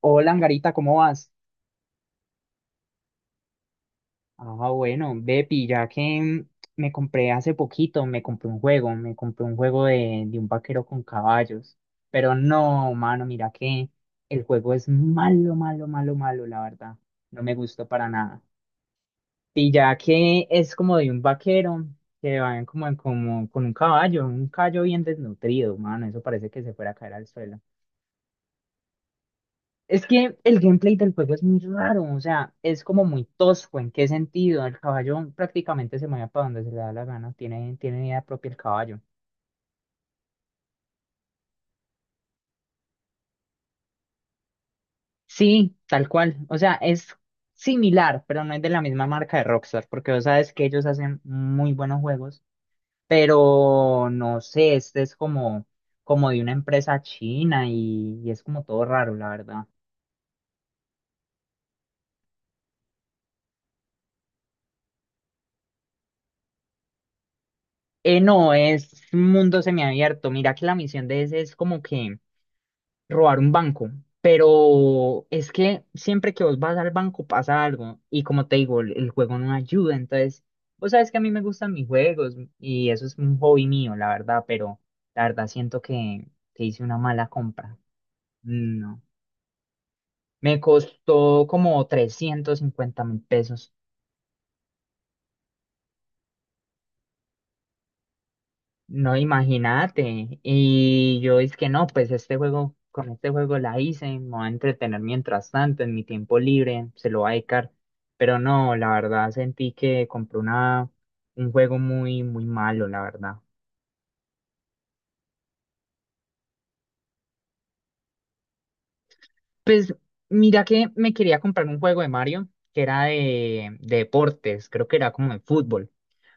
Hola, Angarita, ¿cómo vas? Ah, bueno, Bepi, ya que me compré un juego de un vaquero con caballos. Pero no, mano, mira que el juego es malo, malo, malo, malo, la verdad. No me gustó para nada. Y ya que es como de un vaquero que va en como, como con un caballo bien desnutrido, mano, eso parece que se fuera a caer al suelo. Es que el gameplay del juego es muy raro, o sea, es como muy tosco. ¿En qué sentido? El caballo prácticamente se mueve para donde se le da la gana, tiene idea propia el caballo. Sí, tal cual. O sea, es similar, pero no es de la misma marca de Rockstar, porque vos sabes que ellos hacen muy buenos juegos, pero no sé, este es como, como de una empresa china y es como todo raro, la verdad. No, es mundo semiabierto. Mira que la misión de ese es como que robar un banco, pero es que siempre que vos vas al banco pasa algo y como te digo, el juego no ayuda, entonces vos sabes que a mí me gustan mis juegos y eso es un hobby mío, la verdad, pero la verdad siento que hice una mala compra. No, me costó como 350.000 pesos. No, imagínate. Y yo es que no, pues este juego, con este juego la hice, me voy a entretener mientras tanto, en mi tiempo libre, se lo voy a dedicar. Pero no, la verdad sentí que un juego muy, muy malo, la verdad. Pues mira que me quería comprar un juego de Mario, que era de deportes, creo que era como de fútbol.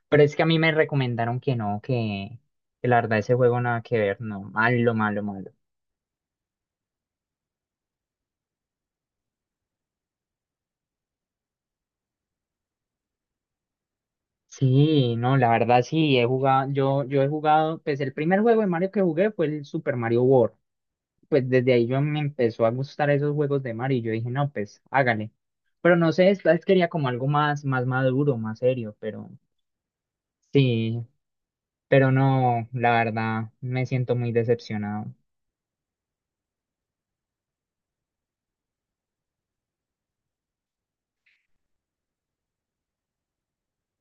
Pero es que a mí me recomendaron que no, que la verdad ese juego nada que ver, no, malo, malo, malo. Sí, no, la verdad sí, he jugado, yo he jugado, pues el primer juego de Mario que jugué fue el Super Mario World. Pues desde ahí yo me empezó a gustar esos juegos de Mario y yo dije, no, pues hágale. Pero no sé, esta vez quería como algo más, más maduro, más serio, pero sí, pero no, la verdad, me siento muy decepcionado.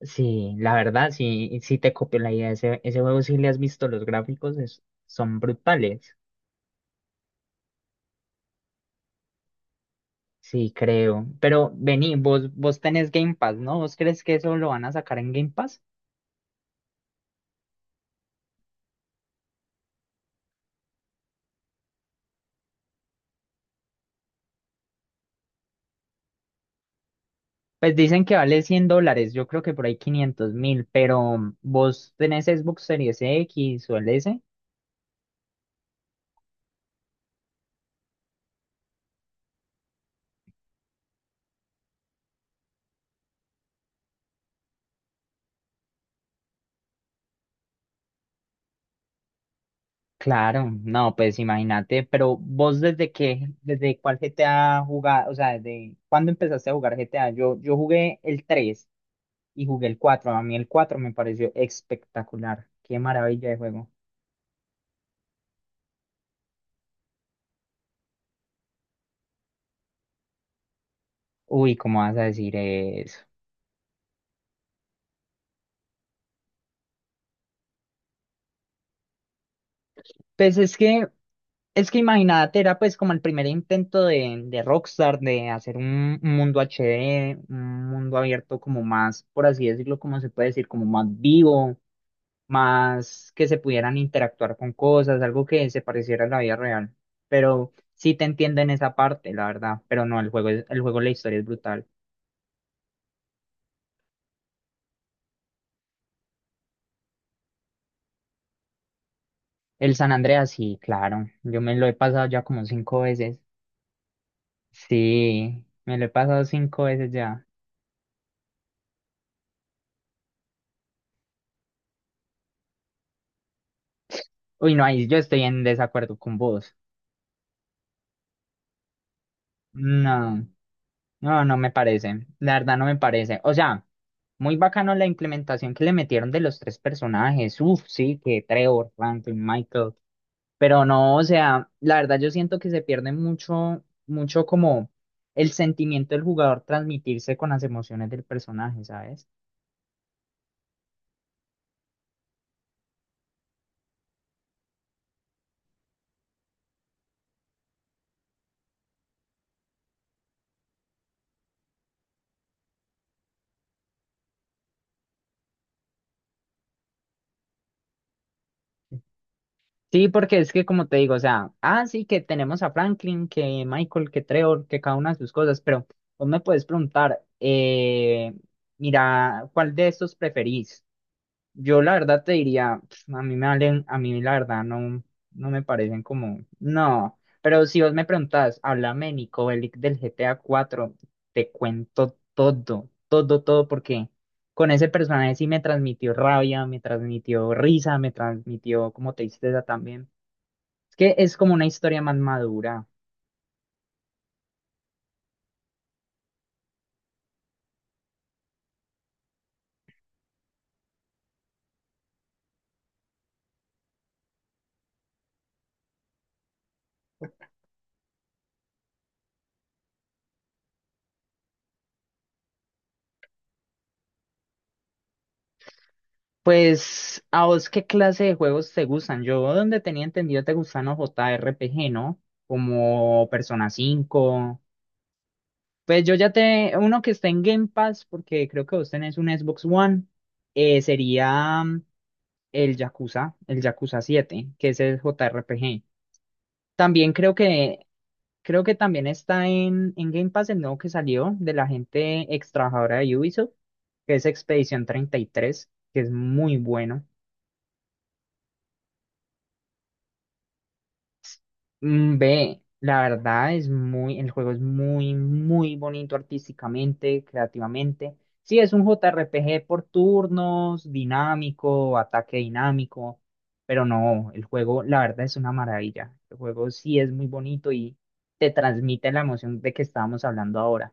Sí, la verdad, sí, sí te copio la idea. Ese juego, si le has visto los gráficos, son brutales. Sí, creo. Pero vení, vos tenés Game Pass, ¿no? ¿Vos crees que eso lo van a sacar en Game Pass? Pues dicen que vale 100 dólares, yo creo que por ahí 500.000, pero ¿vos tenés Xbox Series X o el S? Claro, no, pues imagínate, pero vos desde qué, desde cuál GTA jugás, o sea, ¿desde cuándo empezaste a jugar GTA? Yo jugué el 3 y jugué el 4. A mí el 4 me pareció espectacular, qué maravilla de juego. Uy, ¿cómo vas a decir eso? Pues es que Es que imagínate, era pues como el primer intento de Rockstar de hacer un mundo HD, un mundo abierto como más, por así decirlo, como se puede decir, como más vivo, más que se pudieran interactuar con cosas, algo que se pareciera a la vida real. Pero sí te entiendo en esa parte, la verdad, pero no, el juego, el juego, la historia es brutal. El San Andreas, sí, claro, yo me lo he pasado ya como cinco veces. Sí, me lo he pasado cinco veces ya. Uy, no, ahí yo estoy en desacuerdo con vos. No, no, no me parece. La verdad no me parece. O sea, muy bacano la implementación que le metieron de los tres personajes. Uf, sí, que Trevor, Franklin, Michael. Pero no, o sea, la verdad yo siento que se pierde mucho, mucho como el sentimiento del jugador transmitirse con las emociones del personaje, ¿sabes? Sí, porque es que como te digo, o sea, sí que tenemos a Franklin, que Michael, que Trevor, que cada una de sus cosas, pero vos me puedes preguntar, mira, ¿cuál de estos preferís? Yo la verdad te diría, pf, a mí me valen, a mí la verdad no, no me parecen como, no, pero si vos me preguntás, háblame Nico Bellic del GTA 4, te cuento todo, todo, todo, porque con ese personaje sí me transmitió rabia, me transmitió risa, me transmitió como tristeza también. Es que es como una historia más madura. Pues, ¿a vos qué clase de juegos te gustan? Yo donde tenía entendido te gustan los JRPG, ¿no? Como Persona cinco. Pues yo ya te... Uno que está en Game Pass, porque creo que vos tenés un Xbox One, sería el Yakuza 7, que es el JRPG. También creo que Creo que también está en Game Pass el nuevo que salió de la gente ex trabajadora de Ubisoft, que es Expedición 33, que es muy bueno. Ve, la verdad es muy, el juego es muy, muy bonito artísticamente, creativamente. Sí, es un JRPG por turnos, dinámico, ataque dinámico, pero no, el juego, la verdad es una maravilla. El juego sí es muy bonito y te transmite la emoción de que estábamos hablando ahora.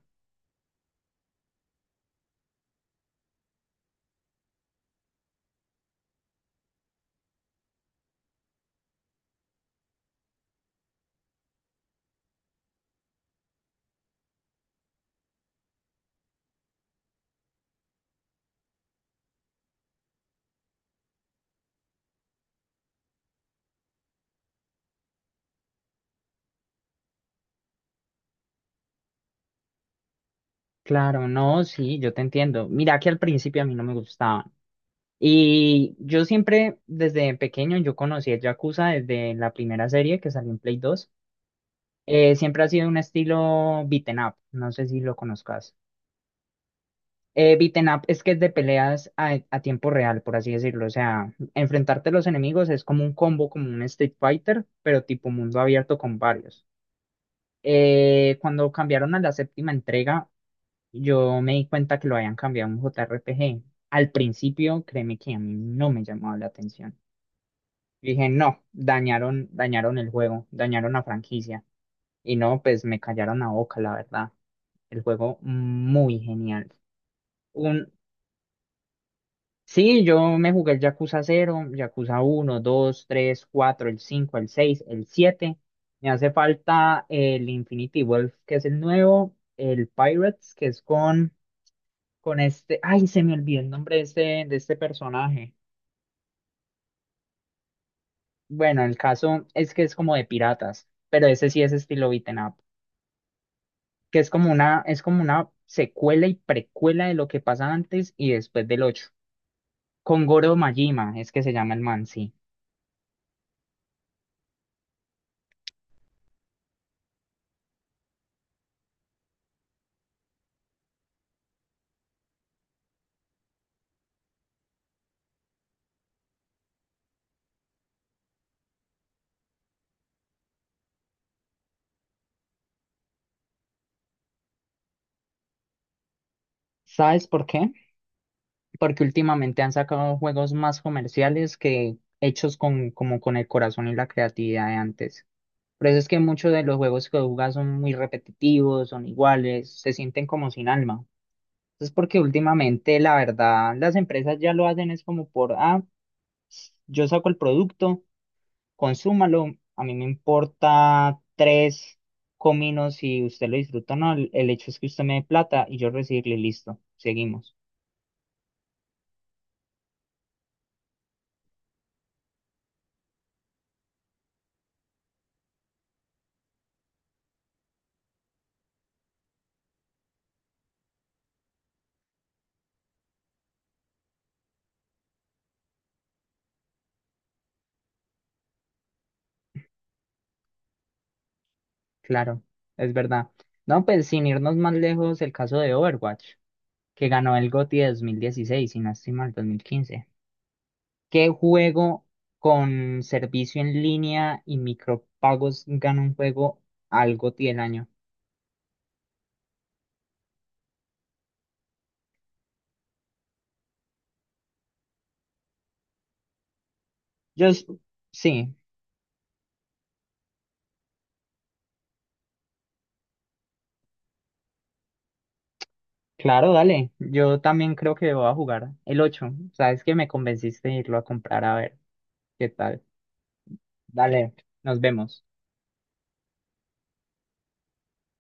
Claro, no, sí, yo te entiendo. Mira que al principio a mí no me gustaban. Y yo siempre, desde pequeño, yo conocí el Yakuza desde la primera serie que salió en Play dos. Siempre ha sido un estilo beaten up, no sé si lo conozcas. Beaten up es que es de peleas a tiempo real, por así decirlo. O sea, enfrentarte a los enemigos es como un combo, como un Street Fighter, pero tipo mundo abierto con varios. Cuando cambiaron a la séptima entrega, yo me di cuenta que lo habían cambiado a un JRPG. Al principio, créeme que a mí no me llamaba la atención. Dije, no, dañaron, dañaron el juego, dañaron la franquicia. Y no, pues me callaron la boca, la verdad. El juego muy genial. Un... Sí, yo me jugué el Yakuza cero, Yakuza uno, dos, tres, cuatro, el cinco, el seis, el siete. Me hace falta el Infinity Wolf, que es el nuevo, el Pirates, que es con este, ay, se me olvidó el nombre de este personaje. Bueno, el caso es que es como de piratas, pero ese sí es estilo beaten up, que es como una secuela y precuela de lo que pasa antes y después del ocho. Con Goro Majima, es que se llama el man, sí. ¿Sabes por qué? Porque últimamente han sacado juegos más comerciales que hechos con, como con el corazón y la creatividad de antes. Por eso es que muchos de los juegos que jugas son muy repetitivos, son iguales, se sienten como sin alma. Es porque últimamente, la verdad, las empresas ya lo hacen, es como por, ah, yo saco el producto, consúmalo, a mí me importa tres cominos si usted lo disfruta o no, el hecho es que usted me dé plata y yo recibirle, listo, seguimos. Claro, es verdad. No, pues sin irnos más lejos, el caso de Overwatch, que ganó el GOTY de 2016 y no estoy mal, 2015. ¿Qué juego con servicio en línea y micropagos gana un juego al GOTY del año? Yo s- sí, claro, dale. Yo también creo que voy a jugar el ocho. Sabes que me convenciste de irlo a comprar a ver qué tal. Dale, nos vemos.